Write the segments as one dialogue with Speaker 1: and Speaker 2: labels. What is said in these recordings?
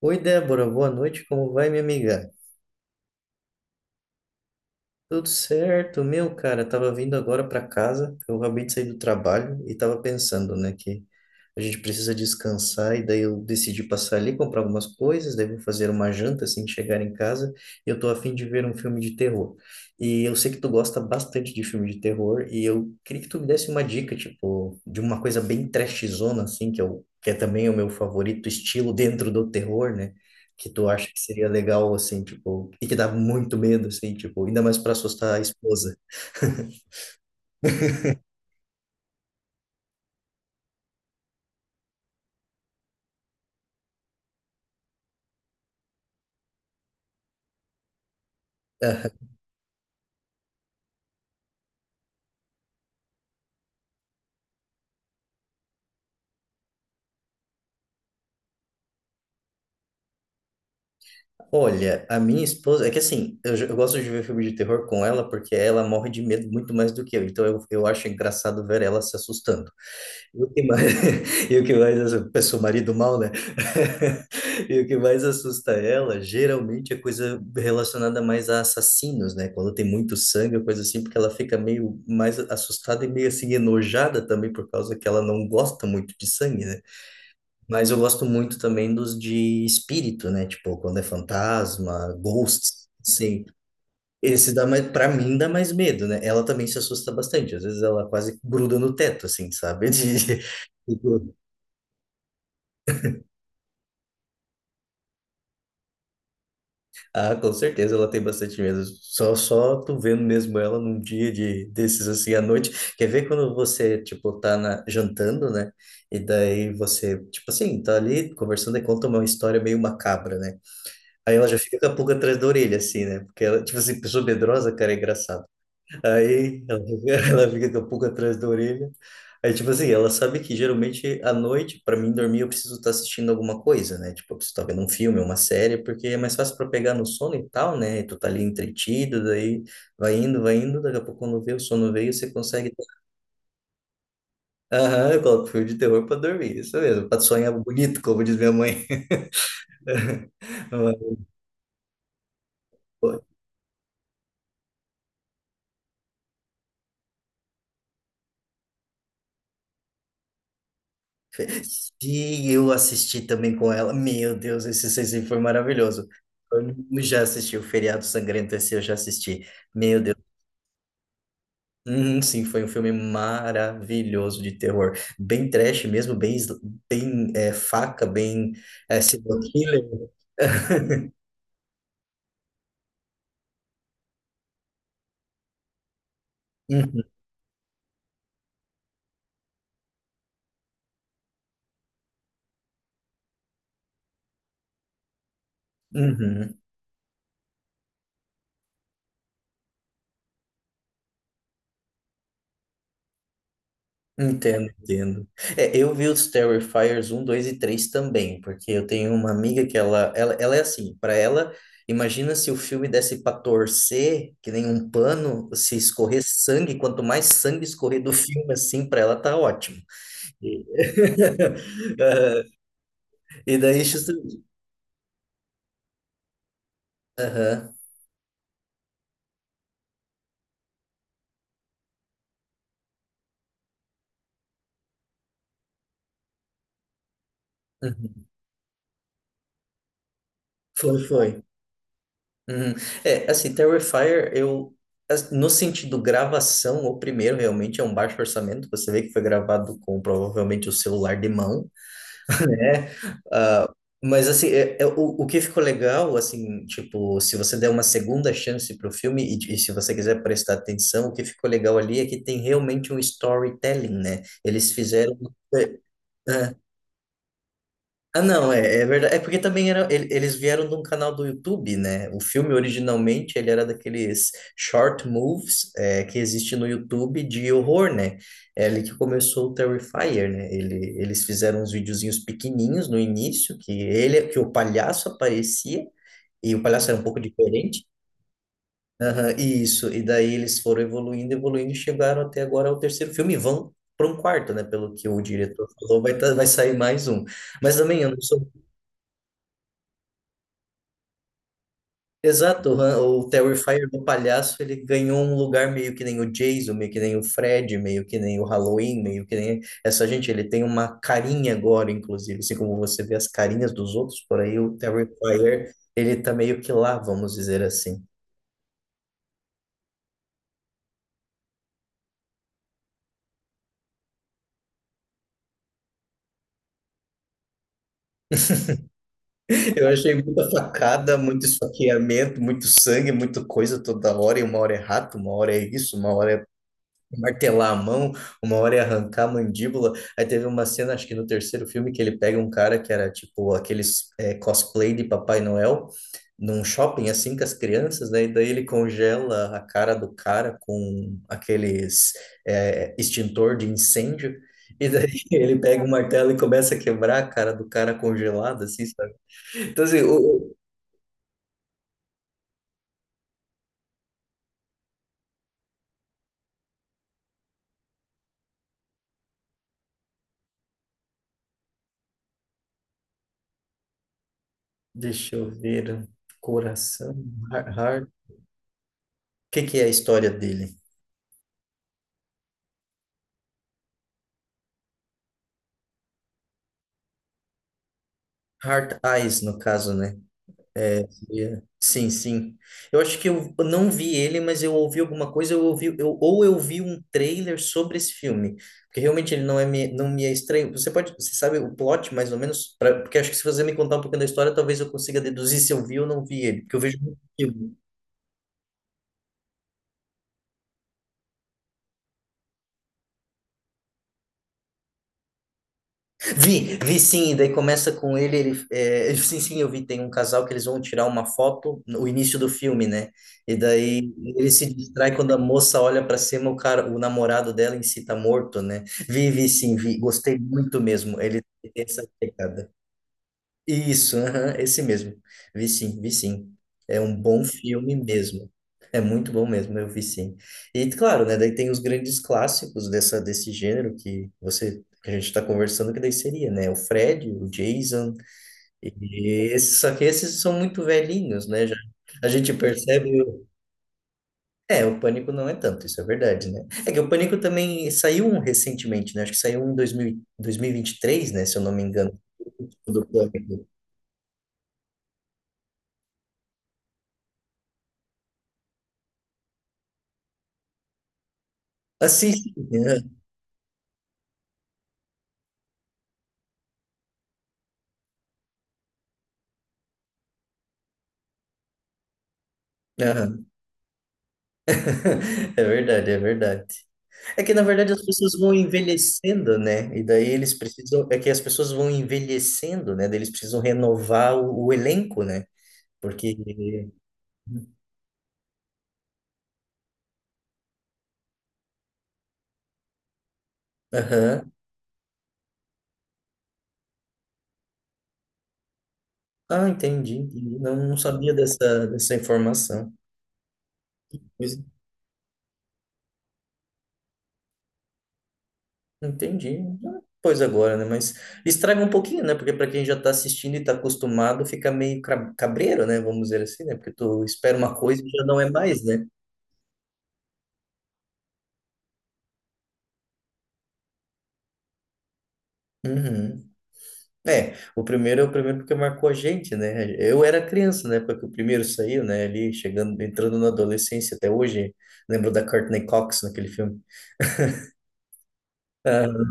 Speaker 1: Oi, Débora, boa noite, como vai, minha amiga? Tudo certo, meu cara, tava vindo agora para casa, eu acabei de sair do trabalho e tava pensando, né, que a gente precisa descansar e daí eu decidi passar ali, comprar algumas coisas, daí vou fazer uma janta assim que chegar em casa e eu tô a fim de ver um filme de terror. E eu sei que tu gosta bastante de filme de terror e eu queria que tu me desse uma dica, tipo, de uma coisa bem trashzona assim, que eu, que é também o meu favorito estilo dentro do terror, né? Que tu acha que seria legal, assim, tipo, e que dá muito medo, assim, tipo, ainda mais pra assustar a esposa? Aham. Olha, a minha esposa, é que assim, eu gosto de ver filme de terror com ela porque ela morre de medo muito mais do que eu, então eu acho engraçado ver ela se assustando. E o que mais, e o que mais assusta, eu sou marido mal, né? E o que mais assusta ela, geralmente é coisa relacionada mais a assassinos, né? Quando tem muito sangue, ou coisa assim, porque ela fica meio mais assustada e meio assim enojada também por causa que ela não gosta muito de sangue, né? Mas eu gosto muito também dos de espírito, né? Tipo, quando é fantasma, ghosts, sim. Esse dá mais, pra mim dá mais medo, né? Ela também se assusta bastante. Às vezes ela quase gruda no teto, assim, sabe? Tipo, Ah, com certeza ela tem bastante medo. Só tu vendo mesmo ela num dia de desses assim à noite. Quer ver quando você, tipo, jantando, né? E daí você, tipo assim, tá ali conversando e conta uma história meio macabra, né? Aí ela já fica com a pulga atrás da orelha, assim, né? Porque ela, tipo assim, pessoa medrosa, cara, é engraçado. Aí ela fica, ela fica com a pulga atrás da orelha. Aí, tipo assim, ela sabe que geralmente à noite, para mim dormir, eu preciso estar assistindo alguma coisa, né? Tipo, eu preciso estar vendo um filme, uma série, porque é mais fácil para pegar no sono e tal, né? E tu tá ali entretido, daí vai indo, daqui a pouco quando vê o sono veio, você consegue. Aham, eu coloco filme de terror para dormir, isso mesmo, para sonhar bonito, como diz minha mãe. E eu assisti também com ela. Meu Deus, esse Sensei foi maravilhoso. Eu já assisti o Feriado Sangrento, esse eu já assisti. Meu Deus. Uhum, sim, foi um filme maravilhoso de terror. Bem trash mesmo, bem, sl- bem é, faca, serial killer. Uhum, uhum. Entendo, entendo. É, eu vi os Terrifiers um, 2 e 3 também, porque eu tenho uma amiga que ela é assim, para ela, imagina se o filme desse para torcer, que nem um pano, se escorrer sangue, quanto mais sangue escorrer do filme assim, para ela tá ótimo. E, Ah, e daí, justa- Aham. Uhum. Foi, foi. Uhum. É, assim, no sentido gravação, o primeiro realmente é um baixo orçamento, você vê que foi gravado com provavelmente o celular de mão, né? Ah, mas, assim, o que ficou legal, assim, tipo, se você der uma segunda chance pro filme e se você quiser prestar atenção, o que ficou legal ali é que tem realmente um storytelling, né? Eles fizeram. é, ah, não, é verdade. É porque também era, eles vieram de um canal do YouTube, né? O filme originalmente ele era daqueles short moves é, que existe no YouTube de horror, né? É ali que começou o Terrifier, né? Ele, eles fizeram uns videozinhos pequenininhos no início, que ele, que o palhaço aparecia, e o palhaço era um pouco diferente. Aham, isso, e daí eles foram evoluindo, evoluindo, e chegaram até agora ao terceiro filme, e vão para um quarto, né? Pelo que o diretor falou, vai sair mais um. Mas também eu não sou Exato, o Terrifier do Palhaço, ele ganhou um lugar meio que nem o Jason, meio que nem o Fred, meio que nem o Halloween, meio que nem essa gente, ele tem uma carinha agora, inclusive, assim como você vê as carinhas dos outros por aí, o Terrifier, ele tá meio que lá, vamos dizer assim. Eu achei muita facada, muito esfaqueamento, muito sangue, muita coisa toda hora, e uma hora é rato, uma hora é isso, uma hora é martelar a mão, uma hora ia arrancar a mandíbula. Aí teve uma cena, acho que no terceiro filme, que ele pega um cara que era tipo aqueles cosplay de Papai Noel num shopping assim com as crianças, né? E daí ele congela a cara do cara com aqueles extintor de incêndio. E daí ele pega um martelo e começa a quebrar a cara do cara congelado, assim, sabe? Então, assim, deixa eu ver. Coração, Heart. O que que é a história dele? Heart Eyes, no caso, né? É, é, sim, sim. Eu acho que eu não vi ele, mas eu ouvi alguma coisa, eu ouvi, eu, ou eu vi um trailer sobre esse filme, porque realmente ele não é não me é estranho. Você pode, você sabe o plot mais ou menos, porque acho que se você me contar um pouquinho da história, talvez eu consiga deduzir se eu vi ou não vi ele, porque eu vejo muito filme. Vi, vi sim, e daí começa com ele, sim, sim, eu vi, tem um casal que eles vão tirar uma foto no início do filme, né? E daí ele se distrai quando a moça olha pra cima, o cara, o namorado dela em si tá morto, né? Vi, vi sim, vi, gostei muito mesmo, ele tem essa pegada. Isso, aham, esse mesmo. Vi sim, vi sim. É um bom filme mesmo. É muito bom mesmo, eu vi sim. E claro, né, daí tem os grandes clássicos desse gênero que você que a gente está conversando, que daí seria, né? O Fred, o Jason, e esses, só que esses são muito velhinhos, né? Já, a gente percebe. O- É, o Pânico não é tanto, isso é verdade, né? É que o Pânico também saiu um recentemente, né? Acho que saiu um em dois mil e vinte e três né? Se eu não me engano, do Pânico. Assiste. Aham. É verdade, é verdade. É que na verdade as pessoas vão envelhecendo, né? E daí eles precisam, é que as pessoas vão envelhecendo, né? Daí eles precisam renovar o elenco, né? Porque. Aham. Ah, entendi, entendi. Não, não sabia dessa informação. Pois, entendi. Ah, Pois agora, né? Mas estraga um pouquinho, né? Porque para quem já está assistindo e está acostumado, fica meio cabreiro, né? Vamos dizer assim, né? Porque tu espera uma coisa e já não é mais, né? Uhum. É o primeiro porque marcou a gente, né? Eu era criança na época que o primeiro saiu, né? Ali chegando, entrando na adolescência até hoje. Lembro da Courtney Cox naquele filme. Ah,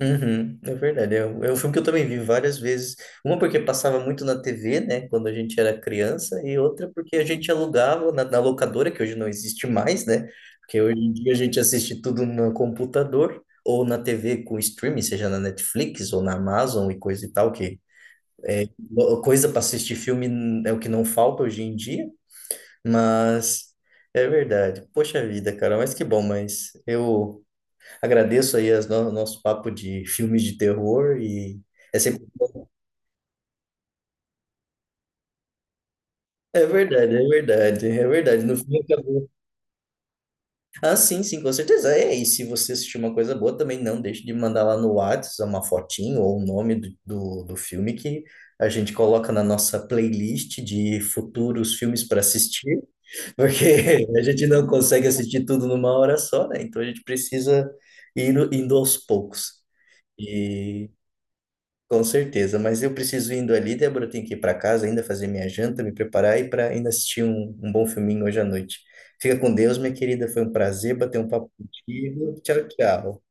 Speaker 1: uhum, é verdade. É um filme que eu também vi várias vezes. Uma porque passava muito na TV, né? Quando a gente era criança, e outra porque a gente alugava na locadora, que hoje não existe mais, né? Porque hoje em dia a gente assiste tudo no computador ou na TV com streaming, seja na Netflix ou na Amazon e coisa e tal, que Lo- Coisa para assistir filme é o que não falta hoje em dia, mas é verdade. Poxa vida, cara, mas que bom, mas eu agradeço aí as nosso papo de filmes de terror e é sempre bom. É verdade, é verdade, é verdade. No fim acabou. Ah, sim, sim, com certeza. É, e se você assistir uma coisa boa, também não deixe de mandar lá no WhatsApp uma fotinho ou o nome do filme que a gente coloca na nossa playlist de futuros filmes para assistir. Porque a gente não consegue assistir tudo numa hora só, né? Então a gente precisa ir indo indo aos poucos. E com certeza, mas eu preciso indo ali, Débora, eu tenho que ir para casa ainda fazer minha janta, me preparar e para ainda assistir um bom filminho hoje à noite. Fica com Deus, minha querida, foi um prazer bater um papo contigo. Tchau, tchau.